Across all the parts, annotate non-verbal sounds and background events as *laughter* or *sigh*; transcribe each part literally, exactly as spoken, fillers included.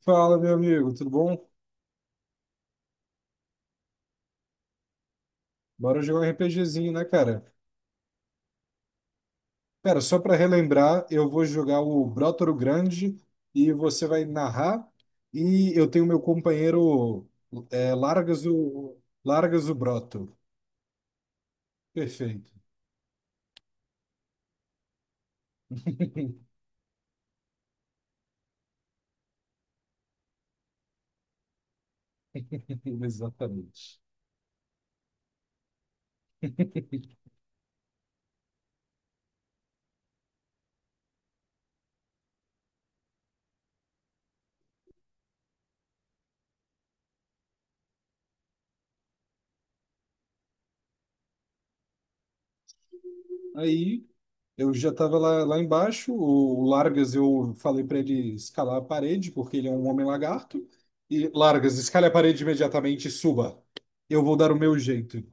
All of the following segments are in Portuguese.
Fala, meu amigo, tudo bom? Bora jogar um R P G zinho, né, cara? Cara, só para relembrar, eu vou jogar o Brotoro Grande e você vai narrar. E eu tenho meu companheiro, é, Largas o Largas o Broto. Perfeito. *laughs* Exatamente. Aí eu já estava lá, lá embaixo. O Largas, eu falei para ele escalar a parede, porque ele é um homem lagarto. E Largas, escale a parede imediatamente e suba. Eu vou dar o meu jeito.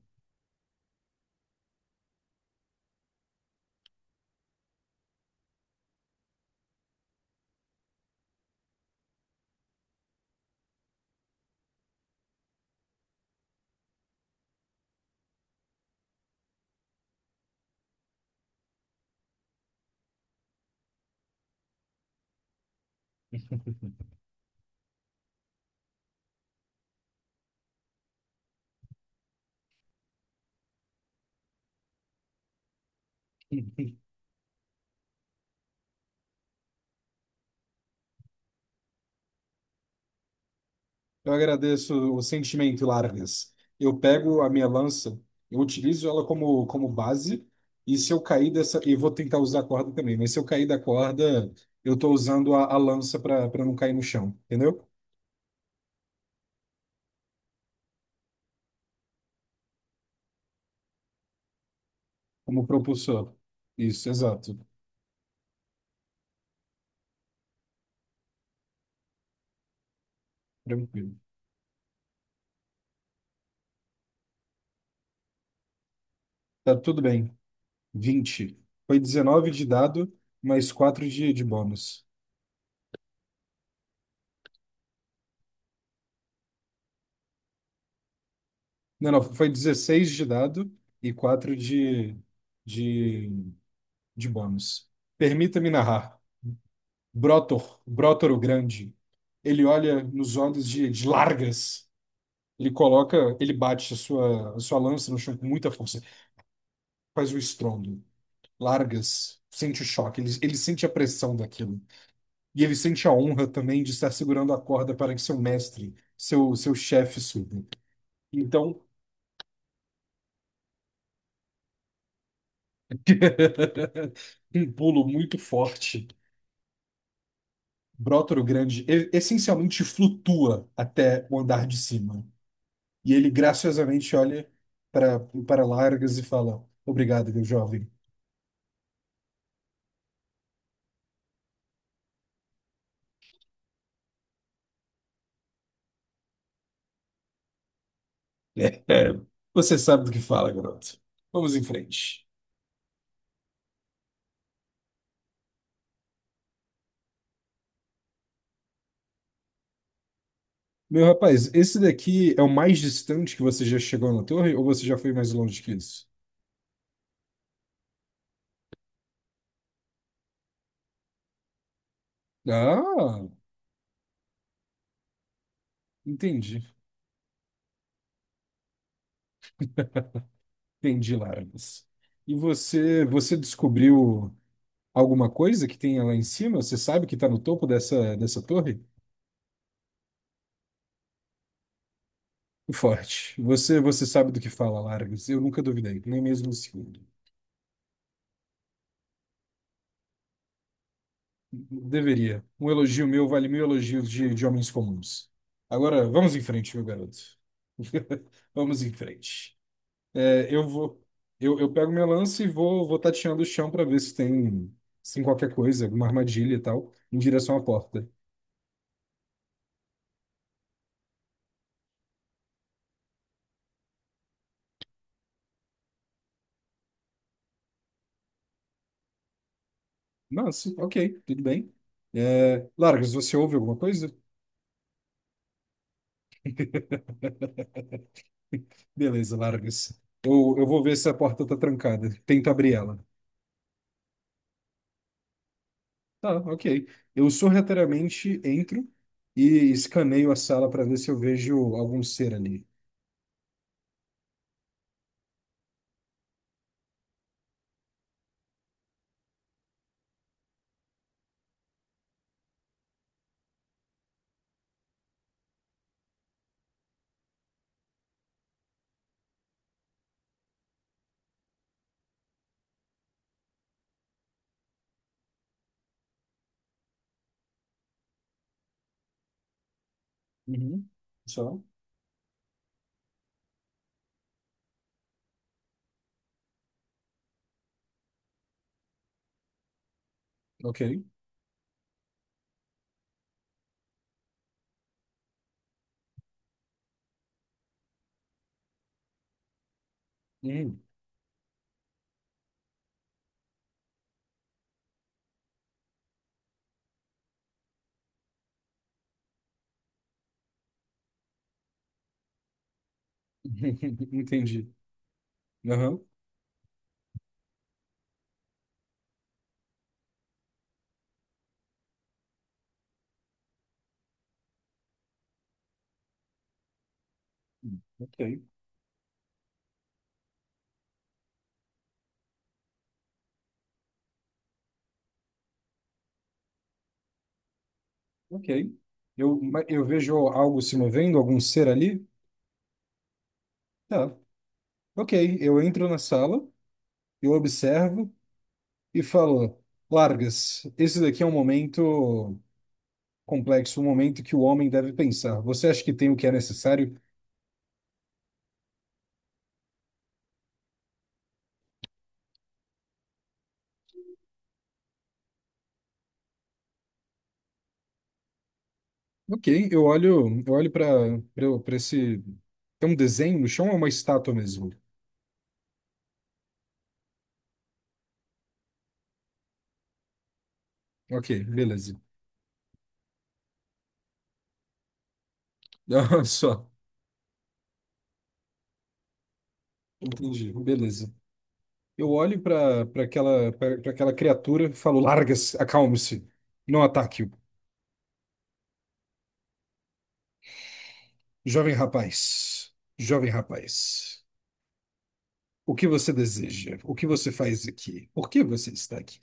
*laughs* Eu agradeço o sentimento, Largas. Eu pego a minha lança, eu utilizo ela como, como base, e se eu cair dessa. E vou tentar usar a corda também, mas se eu cair da corda, eu estou usando a, a lança para para não cair no chão, entendeu? Como propulsor. Isso, exato. Tranquilo. Tá tudo bem. Vinte. Foi dezenove de dado, mais quatro de, de bônus. Não, não, foi dezesseis de dado e quatro de, de, de Bonos. Permita-me narrar. Brotor, Brotor o Grande, ele olha nos olhos de, de Largas. Ele coloca, ele bate a sua, a sua lança no chão com muita força. Faz o estrondo. Largas sente o choque, ele, ele sente a pressão daquilo. E ele sente a honra também de estar segurando a corda para que seu mestre, seu, seu chefe suba. Então, *laughs* um pulo muito forte. Brotor o Grande e- essencialmente flutua até o andar de cima. E ele graciosamente olha para para Largas e fala: Obrigado, meu jovem. É, é, Você sabe do que fala, garoto. Vamos em frente. Meu rapaz, esse daqui é o mais distante que você já chegou na torre, ou você já foi mais longe que isso? Ah, entendi. Entendi, Largas. E você, você descobriu alguma coisa que tenha lá em cima? Você sabe que está no topo dessa, dessa torre? Forte. Você, você sabe do que fala, Largas. Eu nunca duvidei, nem mesmo um segundo. Deveria. Um elogio meu vale mil elogios de, de homens comuns. Agora, vamos em frente, meu garoto. *laughs* Vamos em frente. É, eu vou, eu, eu pego minha lança e vou, vou tateando o chão para ver se tem, se tem, qualquer coisa, alguma armadilha e tal, em direção à porta. Nossa, ok, tudo bem. É, Largas, você ouve alguma coisa? *laughs* Beleza, Largas. Eu, eu vou ver se a porta tá trancada. Tento abrir ela. Tá, ok. Eu sorrateiramente entro e escaneio a sala para ver se eu vejo algum ser ali. Uhum. Só? Ok. Hum. *laughs* Entendi. Aham. Ok. Ok. Eu, ma- eu vejo algo se movendo, algum ser ali? Tá. Ok. Eu entro na sala, eu observo e falo: Largas, esse daqui é um momento complexo, um momento que o homem deve pensar. Você acha que tem o que é necessário? Ok, eu olho, eu olho para para esse. Tem um desenho no chão ou é uma estátua mesmo? Ok, beleza. *laughs* Ah, só, entendi, beleza. Eu olho para para aquela para aquela criatura e falo: larga-se, acalme-se, não ataque-o. Jovem rapaz, jovem rapaz, o que você deseja? O que você faz aqui? Por que você está aqui?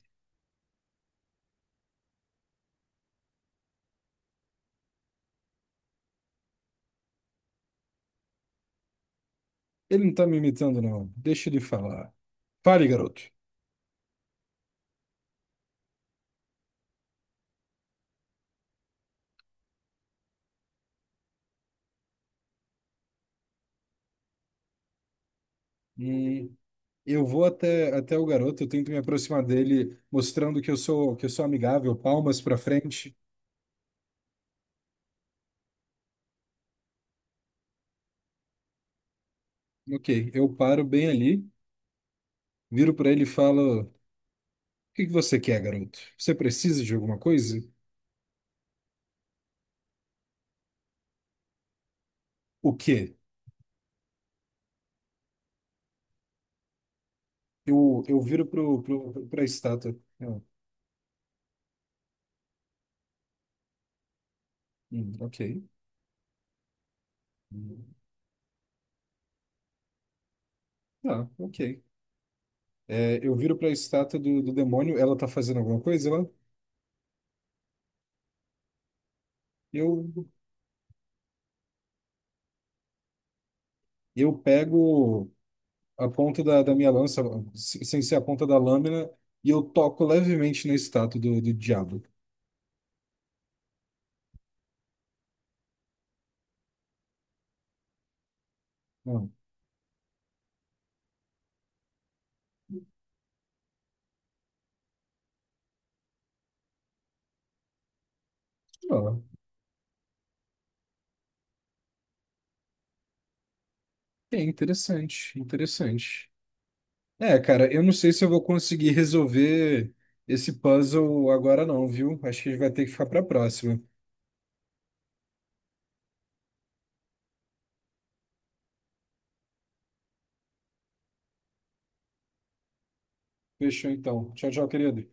Ele não está me imitando, não. Deixa ele falar. Fale, garoto. Hum, Eu vou até, até o garoto, eu tento me aproximar dele, mostrando que eu sou que eu sou amigável, palmas para frente. Ok, eu paro bem ali, viro para ele e falo: O que que você quer, garoto? Você precisa de alguma coisa? O quê? Eu, eu viro pro, pro, para a estátua. Eu, Hum, ok. Hum, tá, ok. É, eu viro para a estátua do, do demônio, ela tá fazendo alguma coisa lá? Eu, eu pego a ponta da, da minha lança, se- sem ser a ponta da lâmina, e eu toco levemente na estátua do, do diabo. Ah, ó, é interessante, interessante. É, cara, eu não sei se eu vou conseguir resolver esse puzzle agora não, viu? Acho que a gente vai ter que ficar pra próxima. Fechou então. Tchau, tchau, querido.